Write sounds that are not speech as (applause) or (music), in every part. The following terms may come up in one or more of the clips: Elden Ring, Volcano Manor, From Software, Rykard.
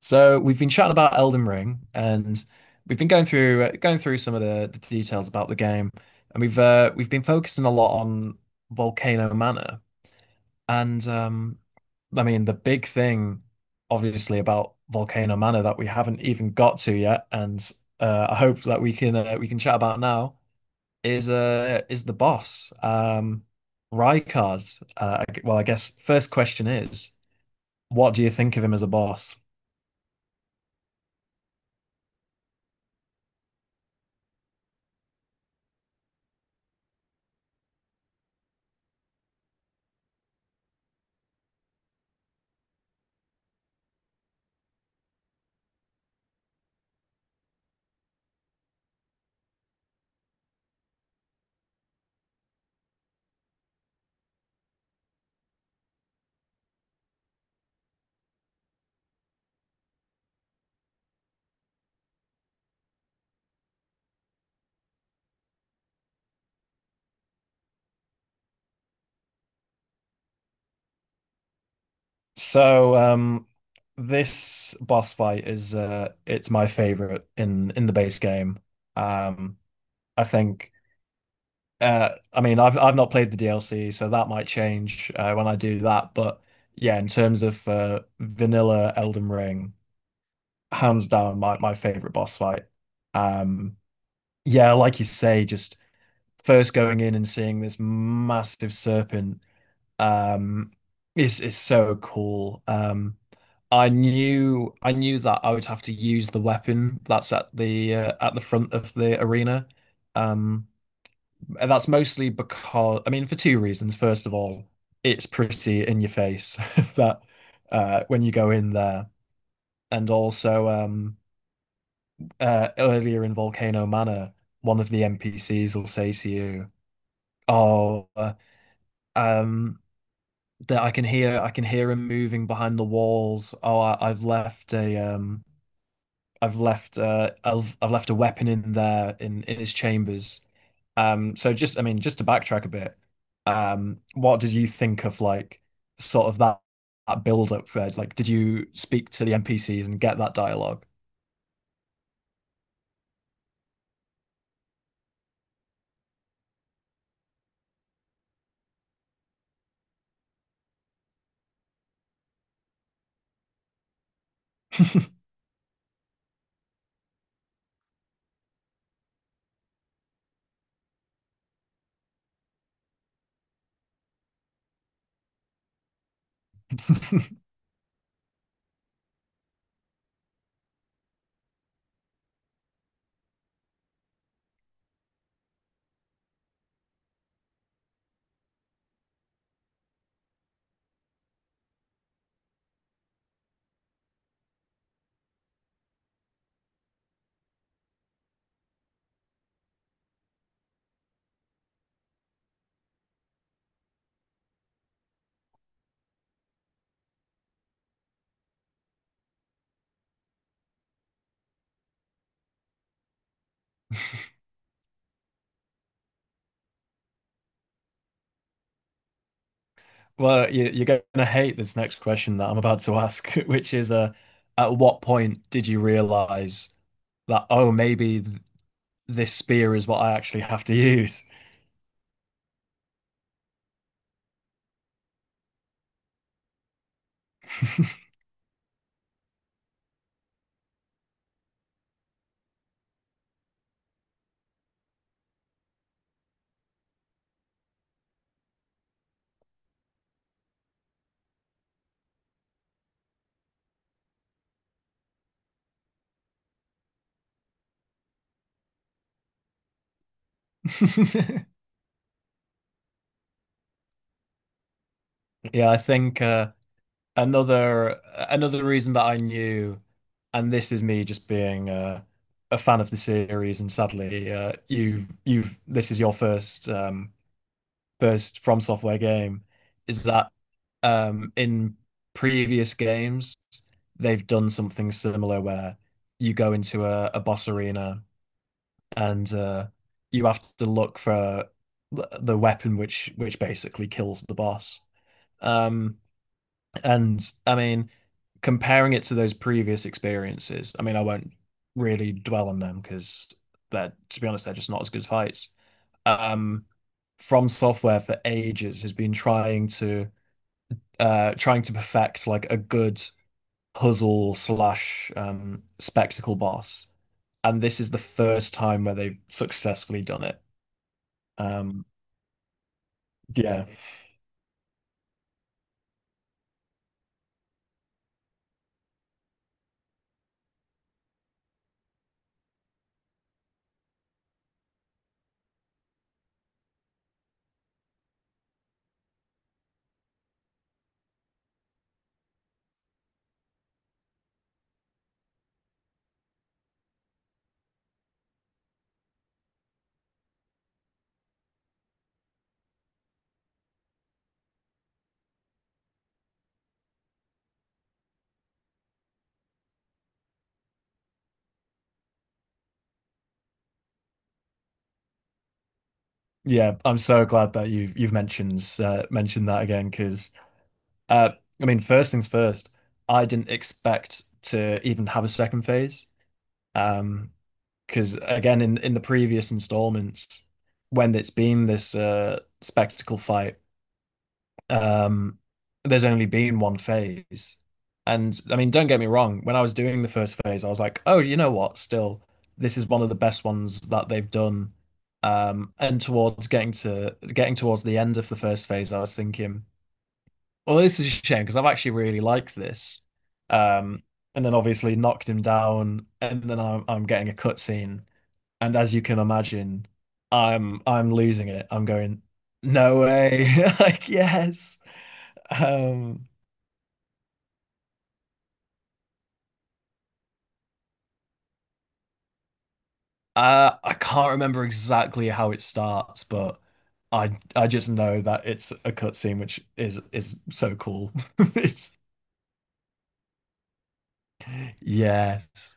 So we've been chatting about Elden Ring, and we've been going through some of the details about the game, and we've been focusing a lot on Volcano Manor, and I mean the big thing, obviously, about Volcano Manor that we haven't even got to yet, and I hope that we can chat about now is the boss, Rykard. Well, I guess first question is, what do you think of him as a boss? So this boss fight is it's my favorite in the base game. Um I think I mean I've not played the DLC so that might change when I do that but yeah in terms of vanilla Elden Ring hands down my favorite boss fight. Um yeah, like you say, just first going in and seeing this massive serpent um is so cool. I knew that I would have to use the weapon that's at the front of the arena. Um and that's mostly because, I mean, for two reasons. First of all, it's pretty in your face (laughs) that when you go in there. And also earlier in Volcano Manor, one of the NPCs will say to you, "Oh, um that I can hear him moving behind the walls. Oh, I've left a I've left a weapon in there in his chambers." So just, I mean, just to backtrack a bit, what did you think of, like, sort of that build up, Red? Like, did you speak to the NPCs and get that dialogue? (laughs) Well, you you're gonna hate this next question that I'm about to ask, (laughs) which is at what point did you realize that, oh, maybe this spear is what I actually have to use. (laughs) Yeah, I think another another reason that I knew, and this is me just being a fan of the series, and sadly, you you've this is your first first From Software game, is that in previous games they've done something similar where you go into a boss arena and you have to look for the weapon which basically kills the boss. Um, and I mean, comparing it to those previous experiences, I mean, I won't really dwell on them because they're, to be honest, they're just not as good fights. Um, From Software for ages has been trying to perfect like a good puzzle slash spectacle boss, and this is the first time where they've successfully done it. Um, yeah, yeah. I'm so glad that you've mentioned mentioned that again because uh, I mean, first things first, I didn't expect to even have a second phase. Um, because again, in the previous installments, when it's been this spectacle fight, um, there's only been one phase. And I mean, don't get me wrong, when I was doing the first phase, I was like, oh, you know what? Still, this is one of the best ones that they've done. And towards getting towards the end of the first phase, I was thinking, well, this is a shame because I've actually really liked this. Um, and then obviously knocked him down, and then I'm getting a cutscene. And as you can imagine, I'm losing it. I'm going, no way. (laughs) Like, yes. Um, I can't remember exactly how it starts, but I just know that it's a cutscene, which is so cool. (laughs) It's yes,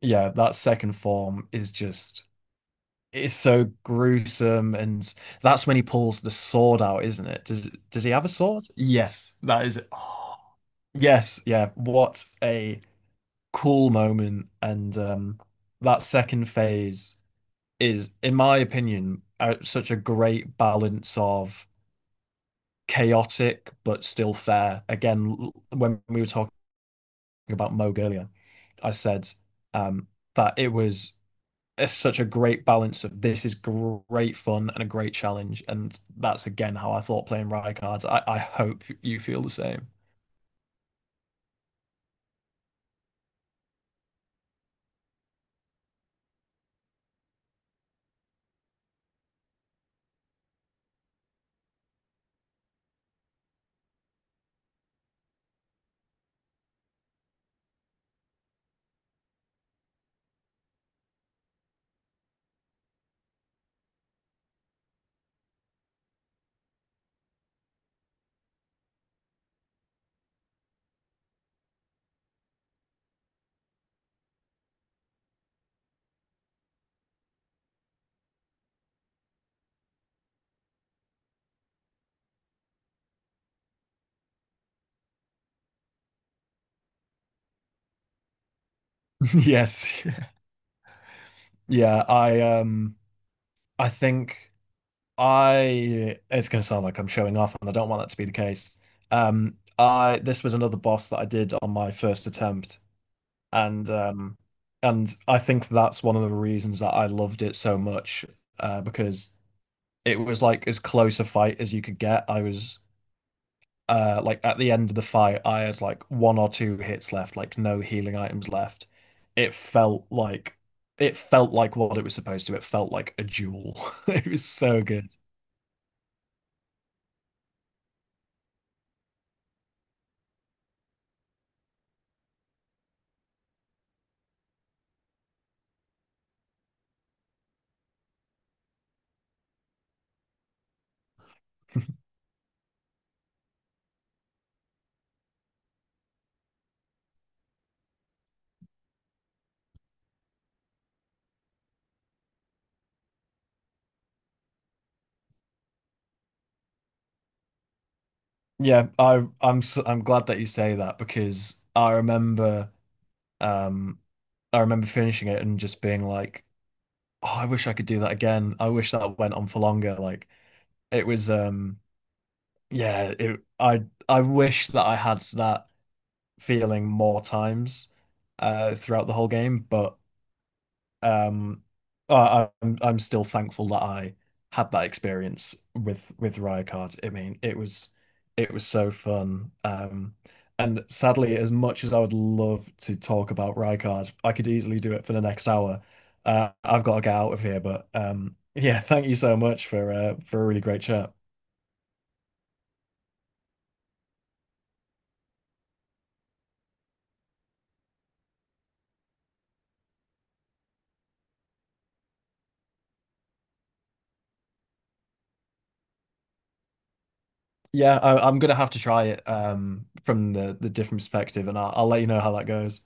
yeah. That second form is just it's so gruesome, and that's when he pulls the sword out, isn't it? Does he have a sword? Yes, that is it. (gasps) Oh, yes, yeah. What a cool moment, and that second phase is, in my opinion, such a great balance of chaotic but still fair. Again, when we were talking about Moog earlier, I said um, that it was such a great balance of, this is great fun and a great challenge, and that's again how I thought playing Rykards. I hope you feel the same. (laughs) Yes, yeah, I think. I, it's gonna sound like I'm showing off, and I don't want that to be the case. I, this was another boss that I did on my first attempt, and um, and I think that's one of the reasons that I loved it so much, because it was like as close a fight as you could get. I was like at the end of the fight, I had like one or two hits left, like no healing items left. It felt like it felt like what it was supposed to. It felt like a duel. (laughs) It was so good. Yeah, I'm so, I'm glad that you say that because um I remember finishing it and just being like, oh, I wish I could do that again. I wish that went on for longer. Like it was yeah, it I wish that I had that feeling more times throughout the whole game, but Um, I'm still thankful that I had that experience with Riot. I mean, it was so fun. And sadly, as much as I would love to talk about Riot, I could easily do it for the next hour. I've got to get out of here, but (laughs) yeah, thank you so much for a really great chat. Yeah, I'm gonna have to try it from the different perspective, and I'll let you know how that goes.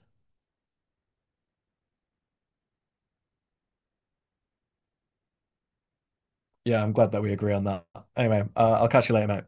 Yeah, I'm glad that we agree on that. Anyway, I'll catch you later, mate.